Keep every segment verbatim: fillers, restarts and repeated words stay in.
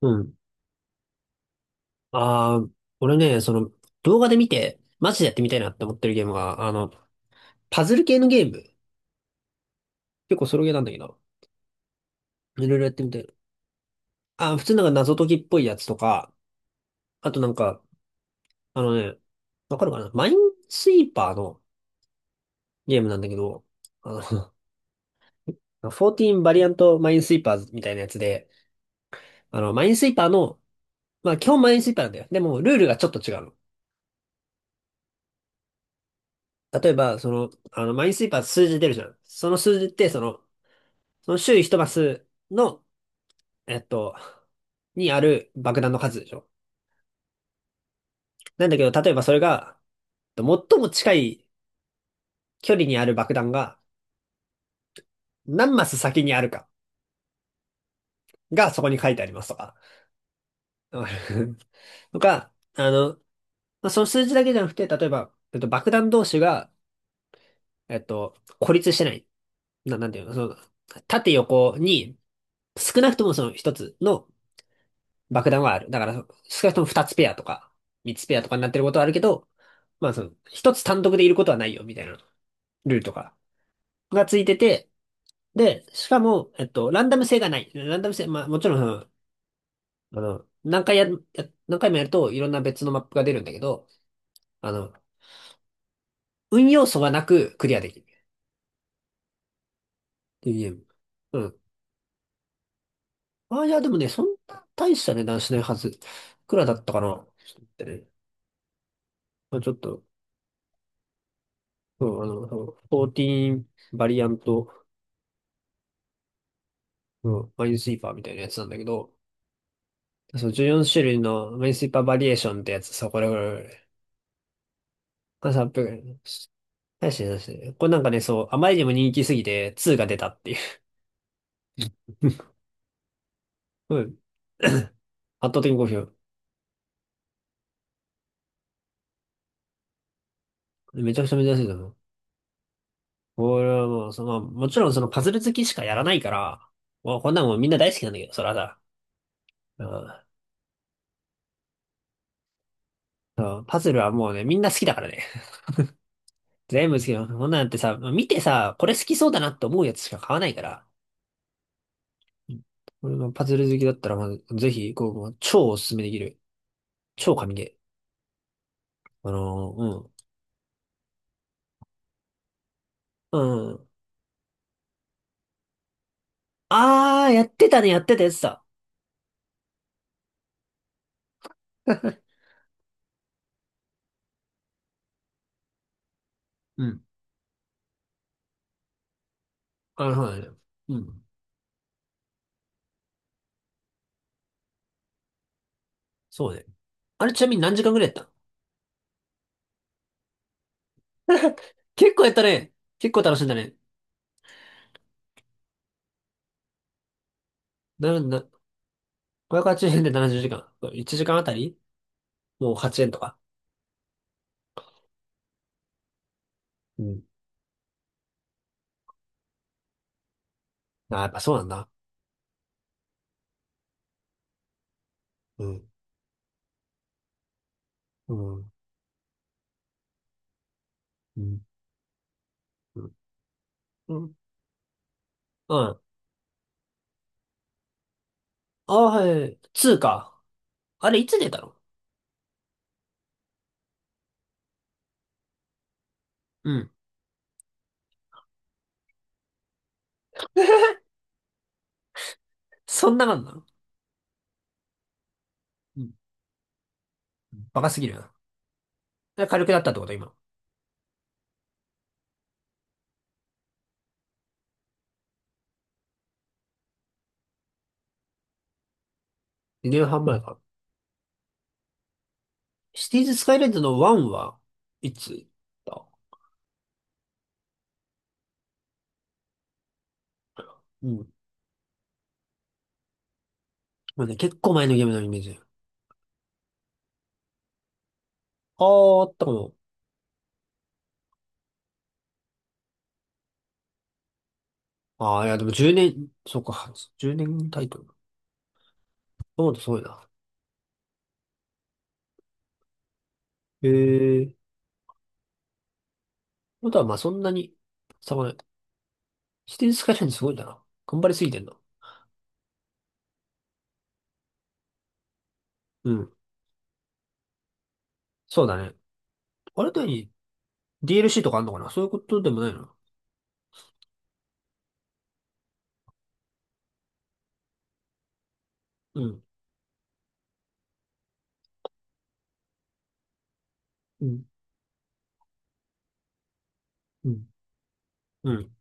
うん。ああ、俺ね、その、動画で見て、マジでやってみたいなって思ってるゲームが、あの、パズル系のゲーム。結構ソロゲーなんだけど、いろいろやってみたいな。あー、普通なんか謎解きっぽいやつとか、あとなんか、あのね、わかるかな、マインスイーパーのゲームなんだけど、あの、フォーティーンバリアントマインスイーパーズみたいなやつで、あの、マインスイーパーの、まあ基本マインスイーパーなんだよ。でも、ルールがちょっと違うの。例えば、その、あの、マインスイーパー数字出るじゃん。その数字って、その、その周囲一マスのえっと、にある爆弾の数でしょ。なんだけど、例えばそれが、最も近い距離にある爆弾が何マス先にあるかがそこに書いてありますとか。わかる とか、あの、まあ、その数字だけじゃなくて、例えば、えっと、爆弾同士が、えっと、孤立してない。な、なんていうの、その、縦横に少なくともその一つの爆弾はある。だから、少なくとも二つペアとか、三つペアとかになってることはあるけど、まあその、一つ単独でいることはないよ、みたいな。ルートが、がついてて、で、しかも、えっと、ランダム性がない。ランダム性、まあ、もちろん、あの、何回や、や何回もやると、いろんな別のマップが出るんだけど、あの、運要素がなくクリアできるっていうゲーム。うん。あ、いや、でもね、そんな大した値段しないはず。いくらだったかな、ちょっと待ってね。まあ、ちょっと、うん、あの、そう、フォーティーンバリアント、うん、マインスイーパーみたいなやつなんだけど、そのじゅうよんしゅるい種類のマインスイーパーバリエーションってやつさ、これ、これ、これさ、確かに確かに。これなんかね、そう、あまりにも人気すぎてツーが出たっていう。うん。 圧倒的に好評。めちゃくちゃ珍しいと思う。これはもう、その、もちろんそのパズル好きしかやらないから、もうこんなのもうみんな大好きなんだけど、それはさ、うん、うパズルはもうね、みんな好きだからね。全部好きなの。こんなんってさ、見てさ、これ好きそうだなって思うやつしか買わないから。うん。これがパズル好きだったら、まず、ぜひ、こう、もう超おすすめできる。超神ゲー。あのーうん。うん。あー、やってたね、やってたやつだ。うん。あ、そうだね。うん。そうね。あれ、ちなみに何時間ぐらいやったの？ 結構やったね。結構楽しんだね。な、な、ごひゃくはちじゅうえんでななじゅうじかん。いちじかんあたりもうはちえんとか。うん。あ、やっぱそうなんだ。うん。うん。うん。うん。うん。ああ、はい。ツーか。あれ、いつ出たの？うん。そんな感じなの？うん。バカすぎるな。で、軽くなったってこと今？にねんはん前か。シティーズスカイレンズのワンは、いつだ？うん。まあね、結構前のゲームのイメージ。ああ、あったかも。ああ、いや、でもじゅうねん、そうか、じゅうねんタイトル。そうだ、すごいな。へえ。あとは、まあ、そんなに、さまない。シティスカイラインすごいんだな。頑張りすぎてんだ。うん。そうだね。あれだに、 ディーエルシー とかあんのかな。そういうことでもないな。うん。うん。うん。うん。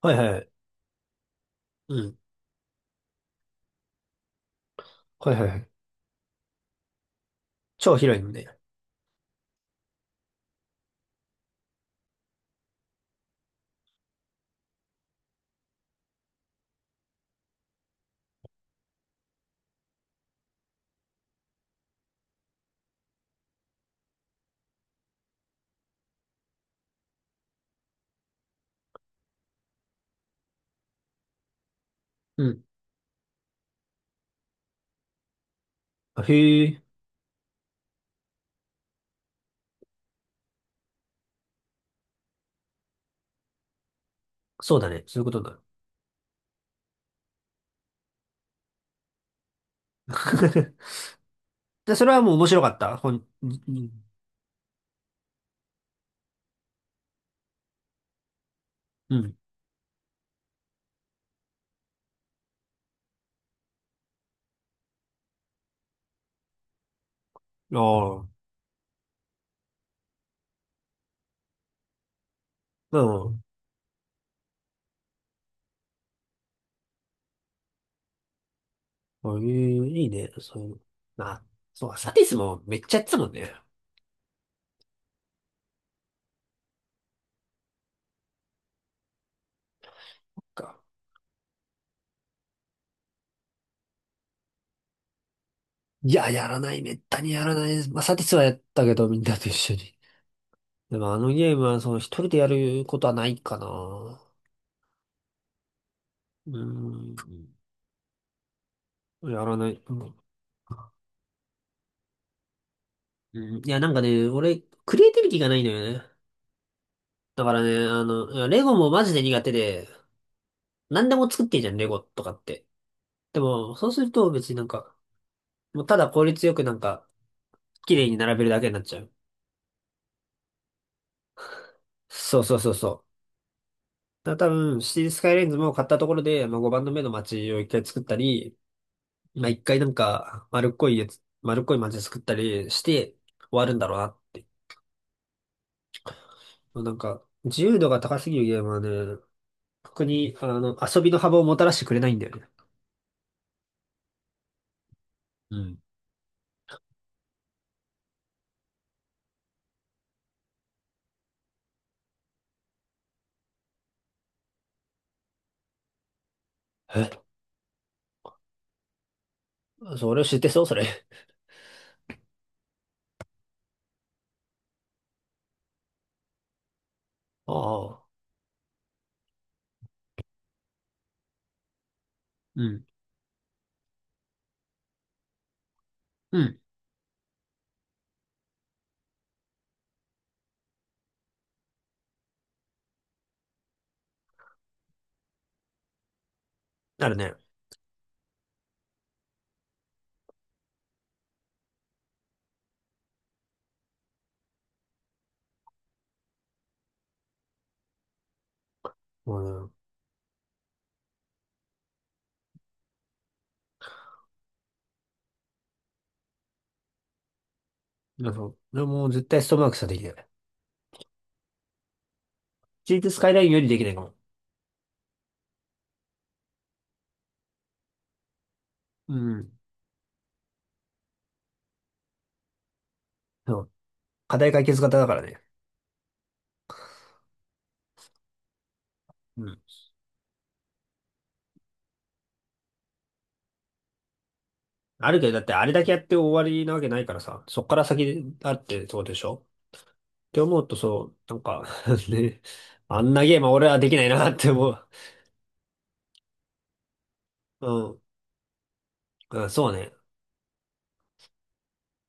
はいはいはい。うん。はいはいはい。超広いのね。うん。あへえ。そうだね。そういうことになる。で、それはもう面白かった。ほん、うん。うん。ああ。うん。そういう、いいね。そういうの。まあ、そう、サティスもめっちゃやってたもんね。そっか。いや、やらない。めったにやらない。まあ、サティスはやったけど、みんなと一緒に。でもあのゲームは、その一人でやることはないかな。うーん。やらない。うんうん。いや、なんかね、俺、クリエイティビティがないのよね。だからね、あの、いや、レゴもマジで苦手で、何でも作ってんじゃん、レゴとかって。でも、そうすると別になんか、もうただ効率よくなんか、綺麗に並べるだけになっちゃう。そうそうそうそう。だから多分、シティスカイレンズも買ったところで、まあ、ごばんの目の街を一回作ったり、まあ、一回なんか丸っこいやつ、丸っこい街作ったりして終わるんだろうなって。まあ、なんか、自由度が高すぎるゲームはね、特に、あの、遊びの幅をもたらしてくれないんだよね。うん。え、それを知ってそう、それ。ああ。うん。うん。あるね。もうね、なんか、俺もう絶対ストマークしかできない。シティスカイラインよりできないかも。うん。そう。課題解決型だからね。うん。あるけど、だってあれだけやって終わりなわけないからさ、そっから先あってそうでしょ？って思うとそう、なんか ね、あんなゲームは俺はできないなって思う。うん。うん、そうね。